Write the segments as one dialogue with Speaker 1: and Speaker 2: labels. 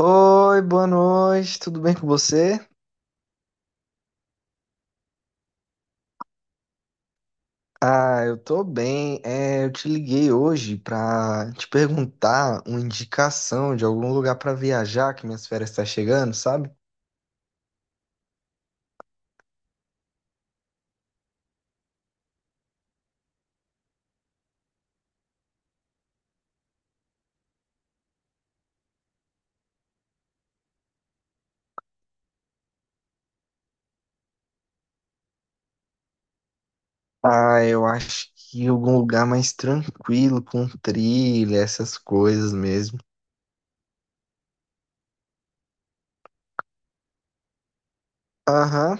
Speaker 1: Oi, boa noite, tudo bem com você? Ah, eu tô bem. Eu te liguei hoje pra te perguntar uma indicação de algum lugar pra viajar, que minhas férias tá chegando, sabe? Ah, eu acho que algum lugar mais tranquilo, com trilha, essas coisas mesmo. Aham,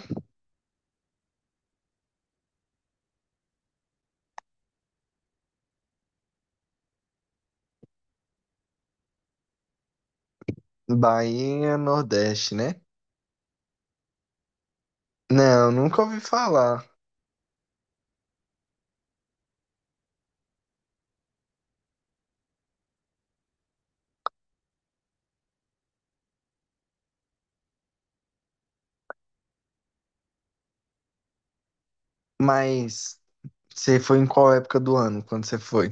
Speaker 1: Bahia, Nordeste, né? Não, nunca ouvi falar. Mas você foi em qual época do ano, quando você foi?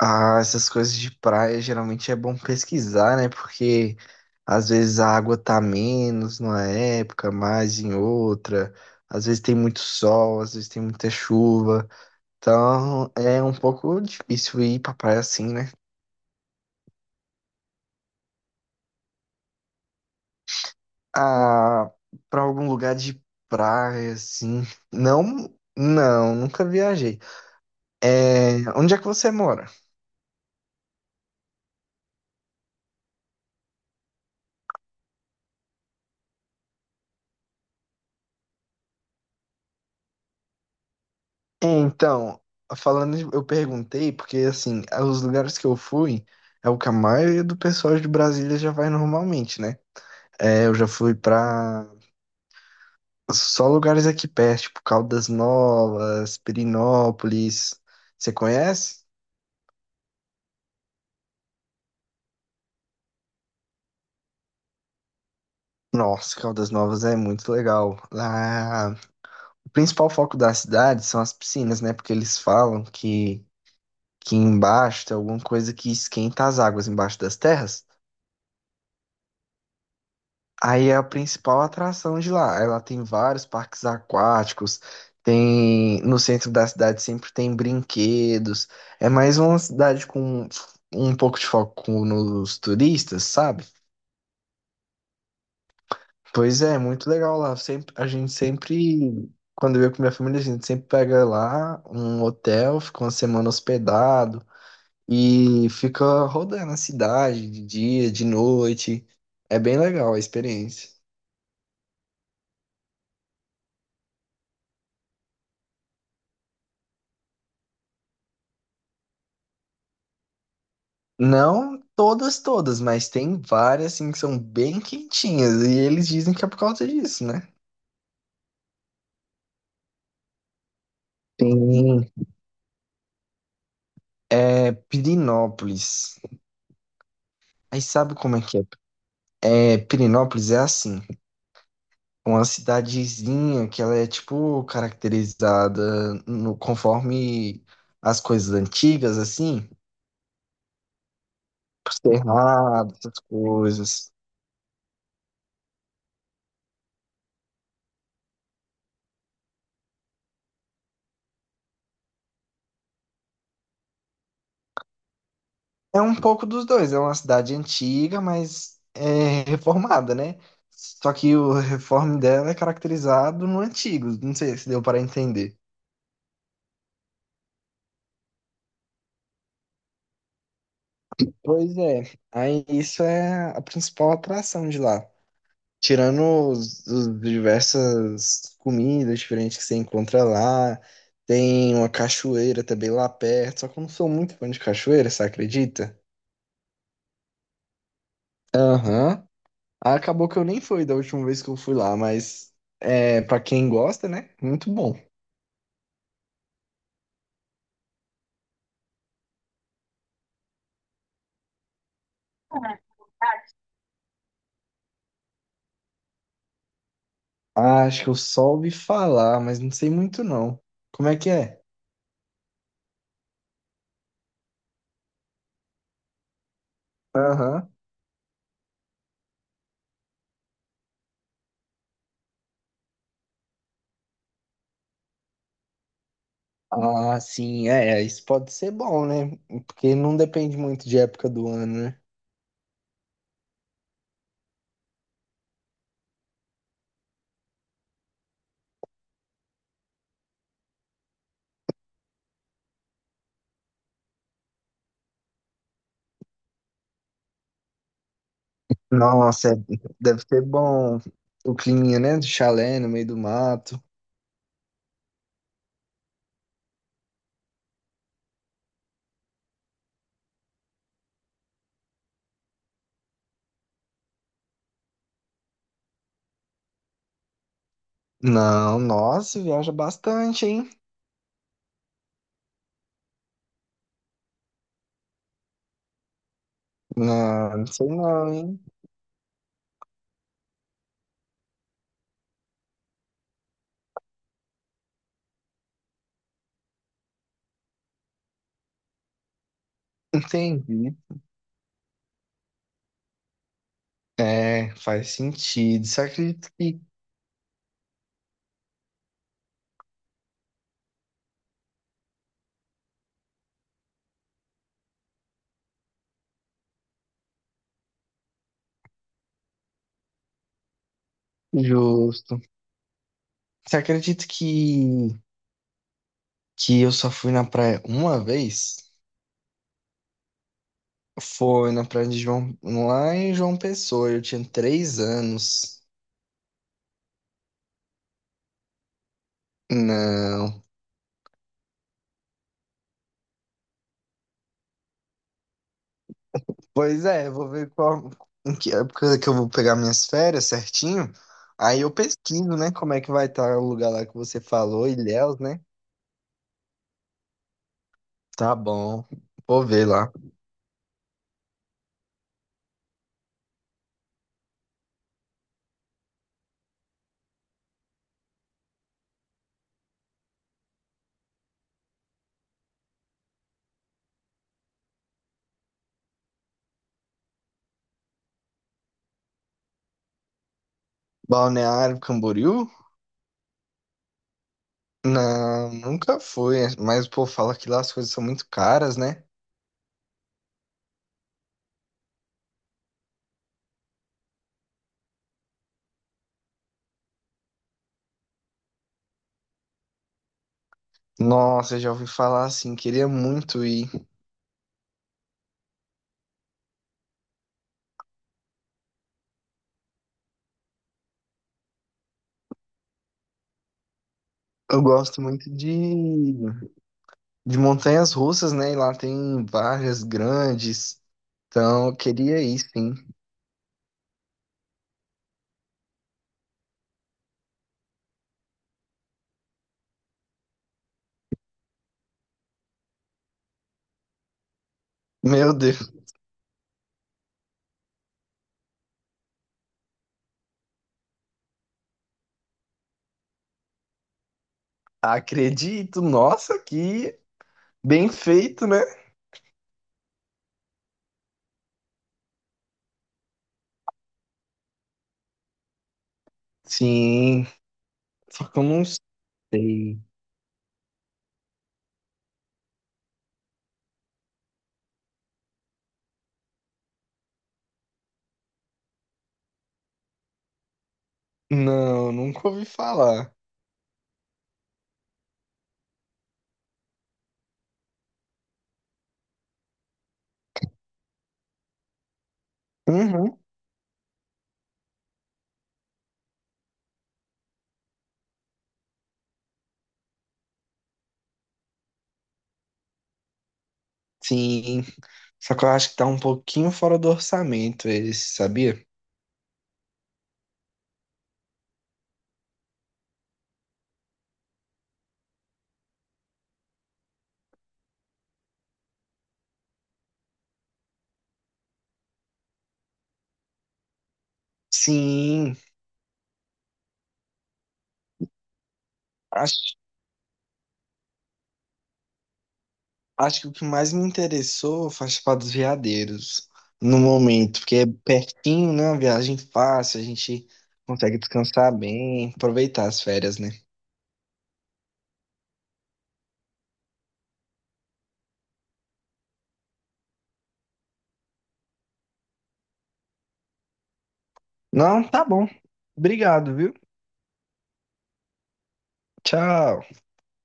Speaker 1: Ah, essas coisas de praia geralmente é bom pesquisar, né? Porque às vezes a água tá menos numa época, mais em outra. Às vezes tem muito sol, às vezes tem muita chuva. Então é um pouco difícil ir pra praia assim, né? Ah, pra algum lugar de praia assim. Não, não, nunca viajei. É, onde é que você mora? É, então, falando, de- eu perguntei, porque assim, os lugares que eu fui é o que a maioria do pessoal de Brasília já vai normalmente, né? Eu já fui pra só lugares aqui perto, tipo Caldas Novas, Pirinópolis. Você conhece? Nossa, Caldas Novas é muito legal. Lá, o principal foco da cidade são as piscinas, né? Porque eles falam que embaixo tem alguma coisa que esquenta as águas embaixo das terras. Aí é a principal atração de lá. Ela tem vários parques aquáticos, tem no centro da cidade sempre tem brinquedos. É mais uma cidade com um pouco de foco nos turistas, sabe? Pois é, muito legal lá. Sempre, a gente sempre, quando eu ia com minha família, a gente sempre pega lá um hotel, fica uma semana hospedado e fica rodando a cidade de dia, de noite. É bem legal a experiência. Não todas, todas, mas tem várias assim que são bem quentinhas e eles dizem que é por causa disso, né? Tem é, Pirinópolis. Aí sabe como é que é? É, Pirinópolis é assim, uma cidadezinha que ela é tipo caracterizada no, conforme as coisas antigas, assim, por cerrado, essas coisas. É um pouco dos dois. É uma cidade antiga, mas é reformada, né? Só que o reforme dela é caracterizado no antigo. Não sei se deu para entender. Pois é. Aí isso é a principal atração de lá. Tirando os diversas comidas diferentes que você encontra lá. Tem uma cachoeira também lá perto. Só que eu não sou muito fã de cachoeira, você acredita? Aham. Aí acabou que eu nem fui da última vez que eu fui lá, mas é, para quem gosta, né? Muito bom. Ah, acho que eu só ouvi falar, mas não sei muito não. Como é que é? Aham. Ah, sim, isso pode ser bom, né? Porque não depende muito de época do ano, né? Nossa, deve ser bom o climinha, né? Do chalé no meio do mato. Não, nossa, viaja bastante, hein? Não, não sei não, hein? Entendi. É, faz sentido. Você acredita que justo. Você acredita que eu só fui na praia uma vez? Foi na praia de João, lá em João Pessoa, eu tinha 3 anos. Não. Pois é, eu vou ver qual, em que época que eu vou pegar minhas férias certinho. Aí eu pesquiso, né, como é que vai estar o lugar lá que você falou, Ilhéus, né? Tá bom, vou ver lá. Balneário Camboriú? Não, nunca fui, mas o povo fala que lá as coisas são muito caras, né? Nossa, eu já ouvi falar assim, queria muito ir. Eu gosto muito de montanhas russas, né? E lá tem várias grandes. Então, eu queria ir, sim. Meu Deus, acredito. Nossa, que bem feito, né? Sim, só que eu não sei. Não, nunca ouvi falar. Uhum. Sim, só que eu acho que tá um pouquinho fora do orçamento esse, sabia? Sim, acho. Acho que o que mais me interessou foi participar dos veadeiros no momento, porque é pertinho, né? Uma viagem fácil, a gente consegue descansar bem, aproveitar as férias, né? Não, tá bom. Obrigado, viu? Tchau.